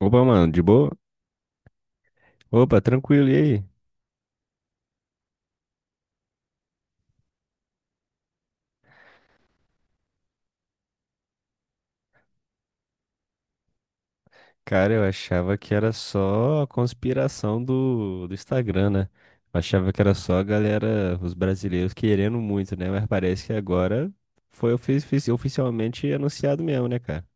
Opa, mano, de boa? Opa, tranquilo, e aí? Cara, eu achava que era só a conspiração do Instagram, né? Eu achava que era só a galera, os brasileiros querendo muito, né? Mas parece que agora foi oficialmente anunciado mesmo, né, cara?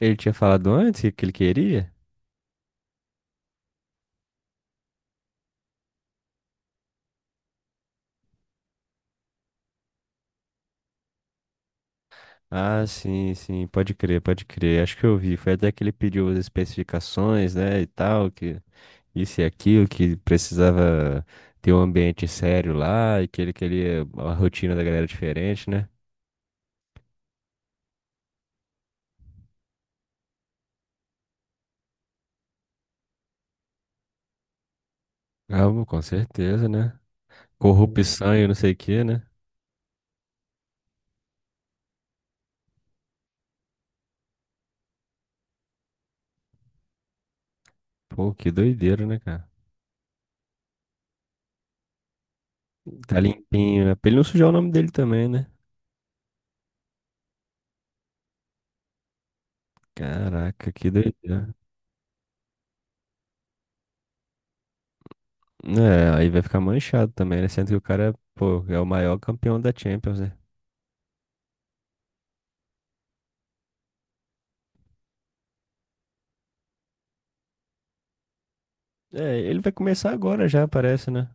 Ele tinha falado antes que ele queria? Ah, sim, pode crer, pode crer. Acho que eu vi. Foi até que ele pediu as especificações, né, e tal, que isso e aquilo, que precisava ter um ambiente sério lá, e que ele queria uma rotina da galera diferente, né? Ah, bom, com certeza, né? Corrupção e não sei o que, né? Pô, que doideira, né, cara? Tá limpinho, né? Pra ele não sujar o nome dele também, né? Caraca, que doideira. É, aí vai ficar manchado também, né? Sendo que o cara, pô, é o maior campeão da Champions, né? É, ele vai começar agora já, parece, né?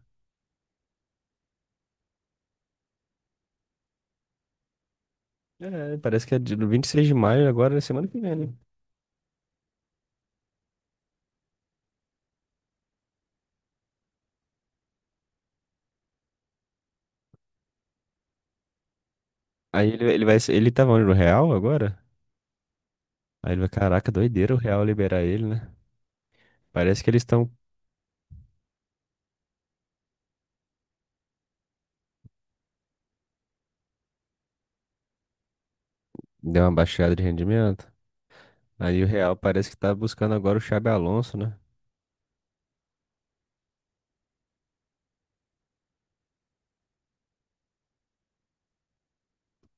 É, parece que é do 26 de maio agora, na semana que vem, né? Aí ele vai, ele tava onde, no Real agora? Aí ele vai, caraca, doideira o Real liberar ele, né? Parece que eles estão. Deu uma baixada de rendimento. Aí o Real parece que tá buscando agora o Xabi Alonso, né?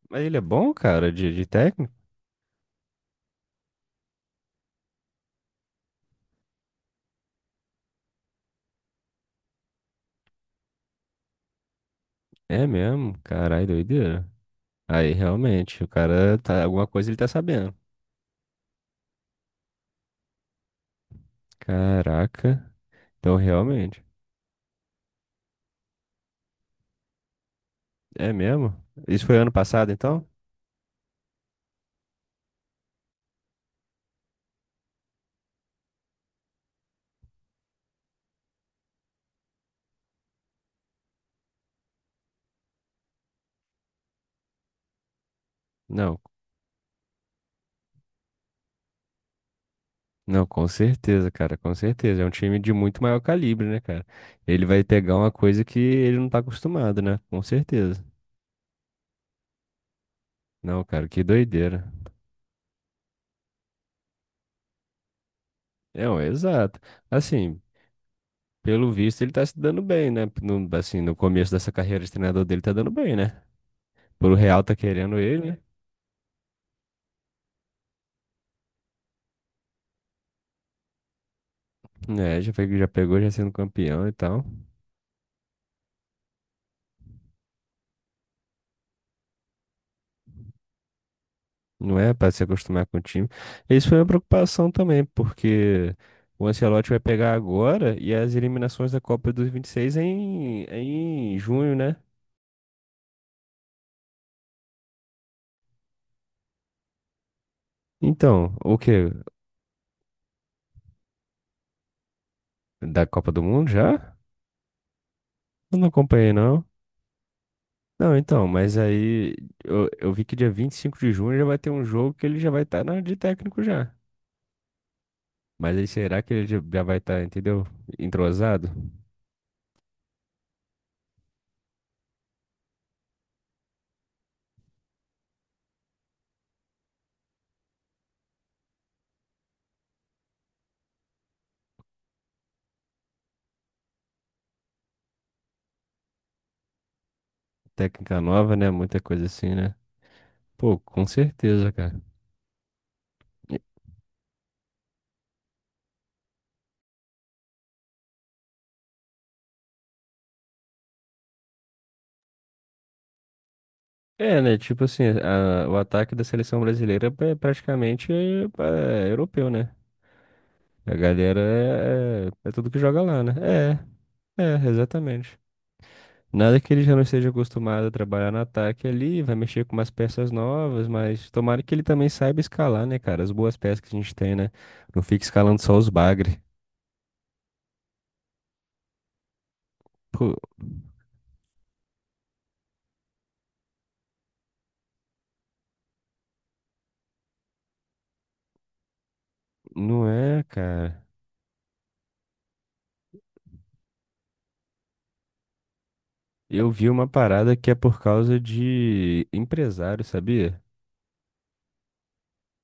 Mas ele é bom, cara, de técnico? É mesmo, caralho, doideira. Aí realmente, o cara tá. Alguma coisa ele tá sabendo. Caraca. Então realmente. É mesmo? Isso foi ano passado, então? Não. Não, com certeza, cara, com certeza. É um time de muito maior calibre, né, cara? Ele vai pegar uma coisa que ele não tá acostumado, né? Com certeza. Não, cara, que doideira. Não, exato. Assim, pelo visto ele tá se dando bem, né? No, assim, no começo dessa carreira de treinador dele tá dando bem, né? Pelo Real tá querendo ele, né? É, já foi, já pegou, já sendo campeão e tal. Não é pra se acostumar com o time. Isso foi uma preocupação também, porque o Ancelotti vai pegar agora e as eliminações da Copa dos 26 é em junho, né? Então, o quê? Da Copa do Mundo já? Eu não acompanhei, não. Não, então, mas aí eu vi que dia 25 de junho já vai ter um jogo que ele já vai estar na de técnico já. Mas aí será que ele já vai estar, entendeu? Entrosado? Técnica nova, né? Muita coisa assim, né? Pô, com certeza, cara. É, né? Tipo assim, o ataque da seleção brasileira é praticamente é europeu, né? A galera é tudo que joga lá, né? Exatamente. Nada que ele já não esteja acostumado a trabalhar no ataque ali, vai mexer com umas peças novas, mas tomara que ele também saiba escalar, né, cara? As boas peças que a gente tem, né? Não fica escalando só os bagre. Pô, não é, cara. Eu vi uma parada que é por causa de empresário, sabia?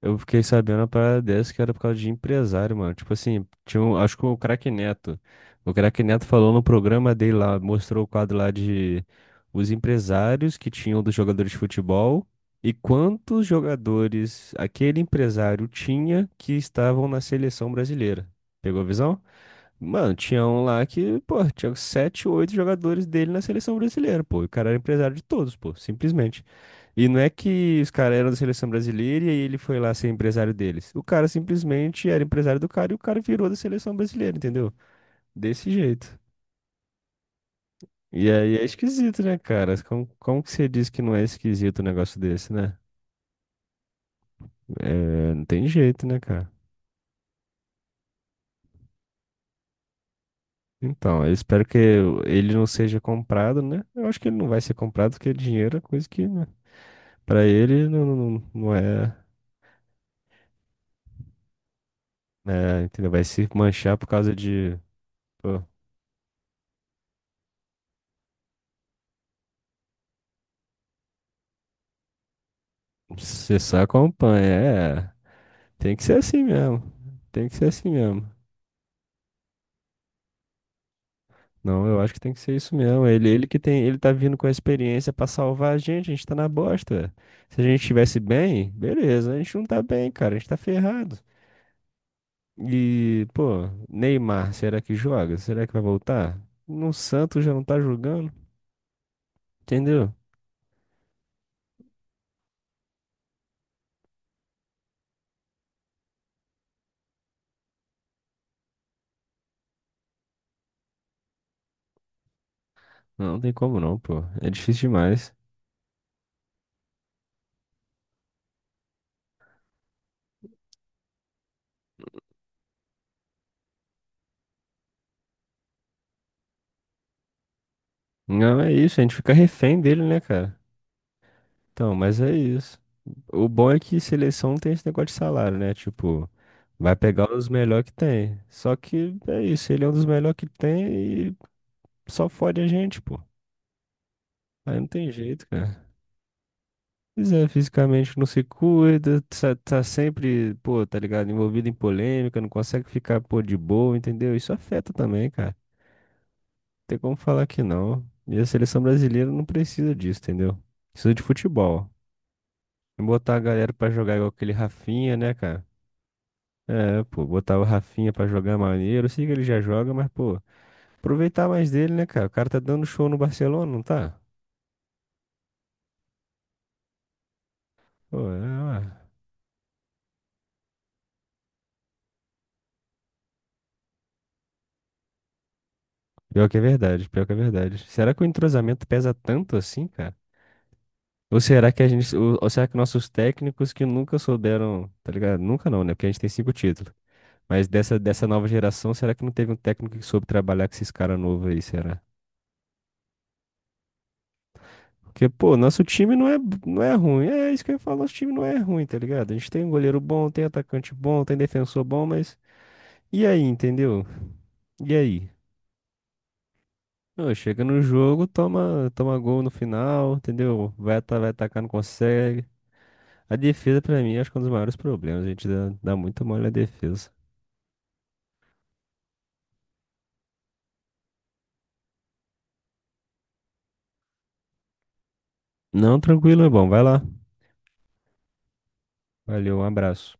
Eu fiquei sabendo uma parada dessa que era por causa de empresário, mano. Tipo assim, tinha um, acho que o Craque Neto. O Craque Neto falou no programa dele lá, mostrou o quadro lá de os empresários que tinham dos jogadores de futebol e quantos jogadores aquele empresário tinha que estavam na seleção brasileira. Pegou a visão? Mano, tinha um lá que, pô, tinha sete, oito jogadores dele na seleção brasileira, pô. E o cara era empresário de todos, pô, simplesmente. E não é que os caras eram da seleção brasileira e aí ele foi lá ser empresário deles. O cara simplesmente era empresário do cara e o cara virou da seleção brasileira, entendeu? Desse jeito. E aí é esquisito, né, cara? Como que você diz que não é esquisito um negócio desse, né? É, não tem jeito, né, cara? Então, eu espero que ele não seja comprado, né? Eu acho que ele não vai ser comprado, porque é dinheiro é coisa que, né? Pra ele não, não é, né, entendeu? Vai se manchar por causa de, pô, você só acompanha, é, tem que ser assim mesmo, tem que ser assim mesmo. Não, eu acho que tem que ser isso mesmo. Ele que tem, ele tá vindo com a experiência pra salvar a gente tá na bosta, velho. Se a gente estivesse bem, beleza, a gente não tá bem, cara, a gente tá ferrado. E, pô, Neymar, será que joga? Será que vai voltar? No Santos já não tá jogando, entendeu? Não, não tem como não, pô. É difícil demais. Não, é isso, a gente fica refém dele, né, cara? Então, mas é isso. O bom é que seleção não tem esse negócio de salário, né? Tipo, vai pegar os melhores que tem. Só que é isso, ele é um dos melhores que tem e só fode a gente, pô. Aí não tem jeito, cara. Pois é, fisicamente não se cuida, tá, tá sempre, pô, tá ligado? Envolvido em polêmica, não consegue ficar, pô, de boa, entendeu? Isso afeta também, cara. Não tem como falar que não. E a seleção brasileira não precisa disso, entendeu? Precisa de futebol. Botar a galera pra jogar igual aquele Rafinha, né, cara? É, pô, botar o Rafinha pra jogar é maneiro. Eu sei que ele já joga, mas, pô, aproveitar mais dele, né, cara? O cara tá dando show no Barcelona, não tá? Pô, é, uma- pior que é verdade, pior que é verdade. Será que o entrosamento pesa tanto assim, cara? Ou será que a gente, ou será que nossos técnicos que nunca souberam, tá ligado? Nunca não, né? Porque a gente tem 5 títulos. Mas dessa nova geração, será que não teve um técnico que soube trabalhar com esses caras novos aí, será? Porque, pô, nosso time não é, não é ruim. É isso que eu ia falar, nosso time não é ruim, tá ligado? A gente tem um goleiro bom, tem atacante bom, tem defensor bom, mas. E aí, entendeu? E aí? Ô, chega no jogo, toma, toma gol no final, entendeu? Vai, vai atacar, não consegue. A defesa, pra mim, acho que é um dos maiores problemas. A gente dá muito mole na defesa. Não, tranquilo, é bom. Vai lá. Valeu, um abraço.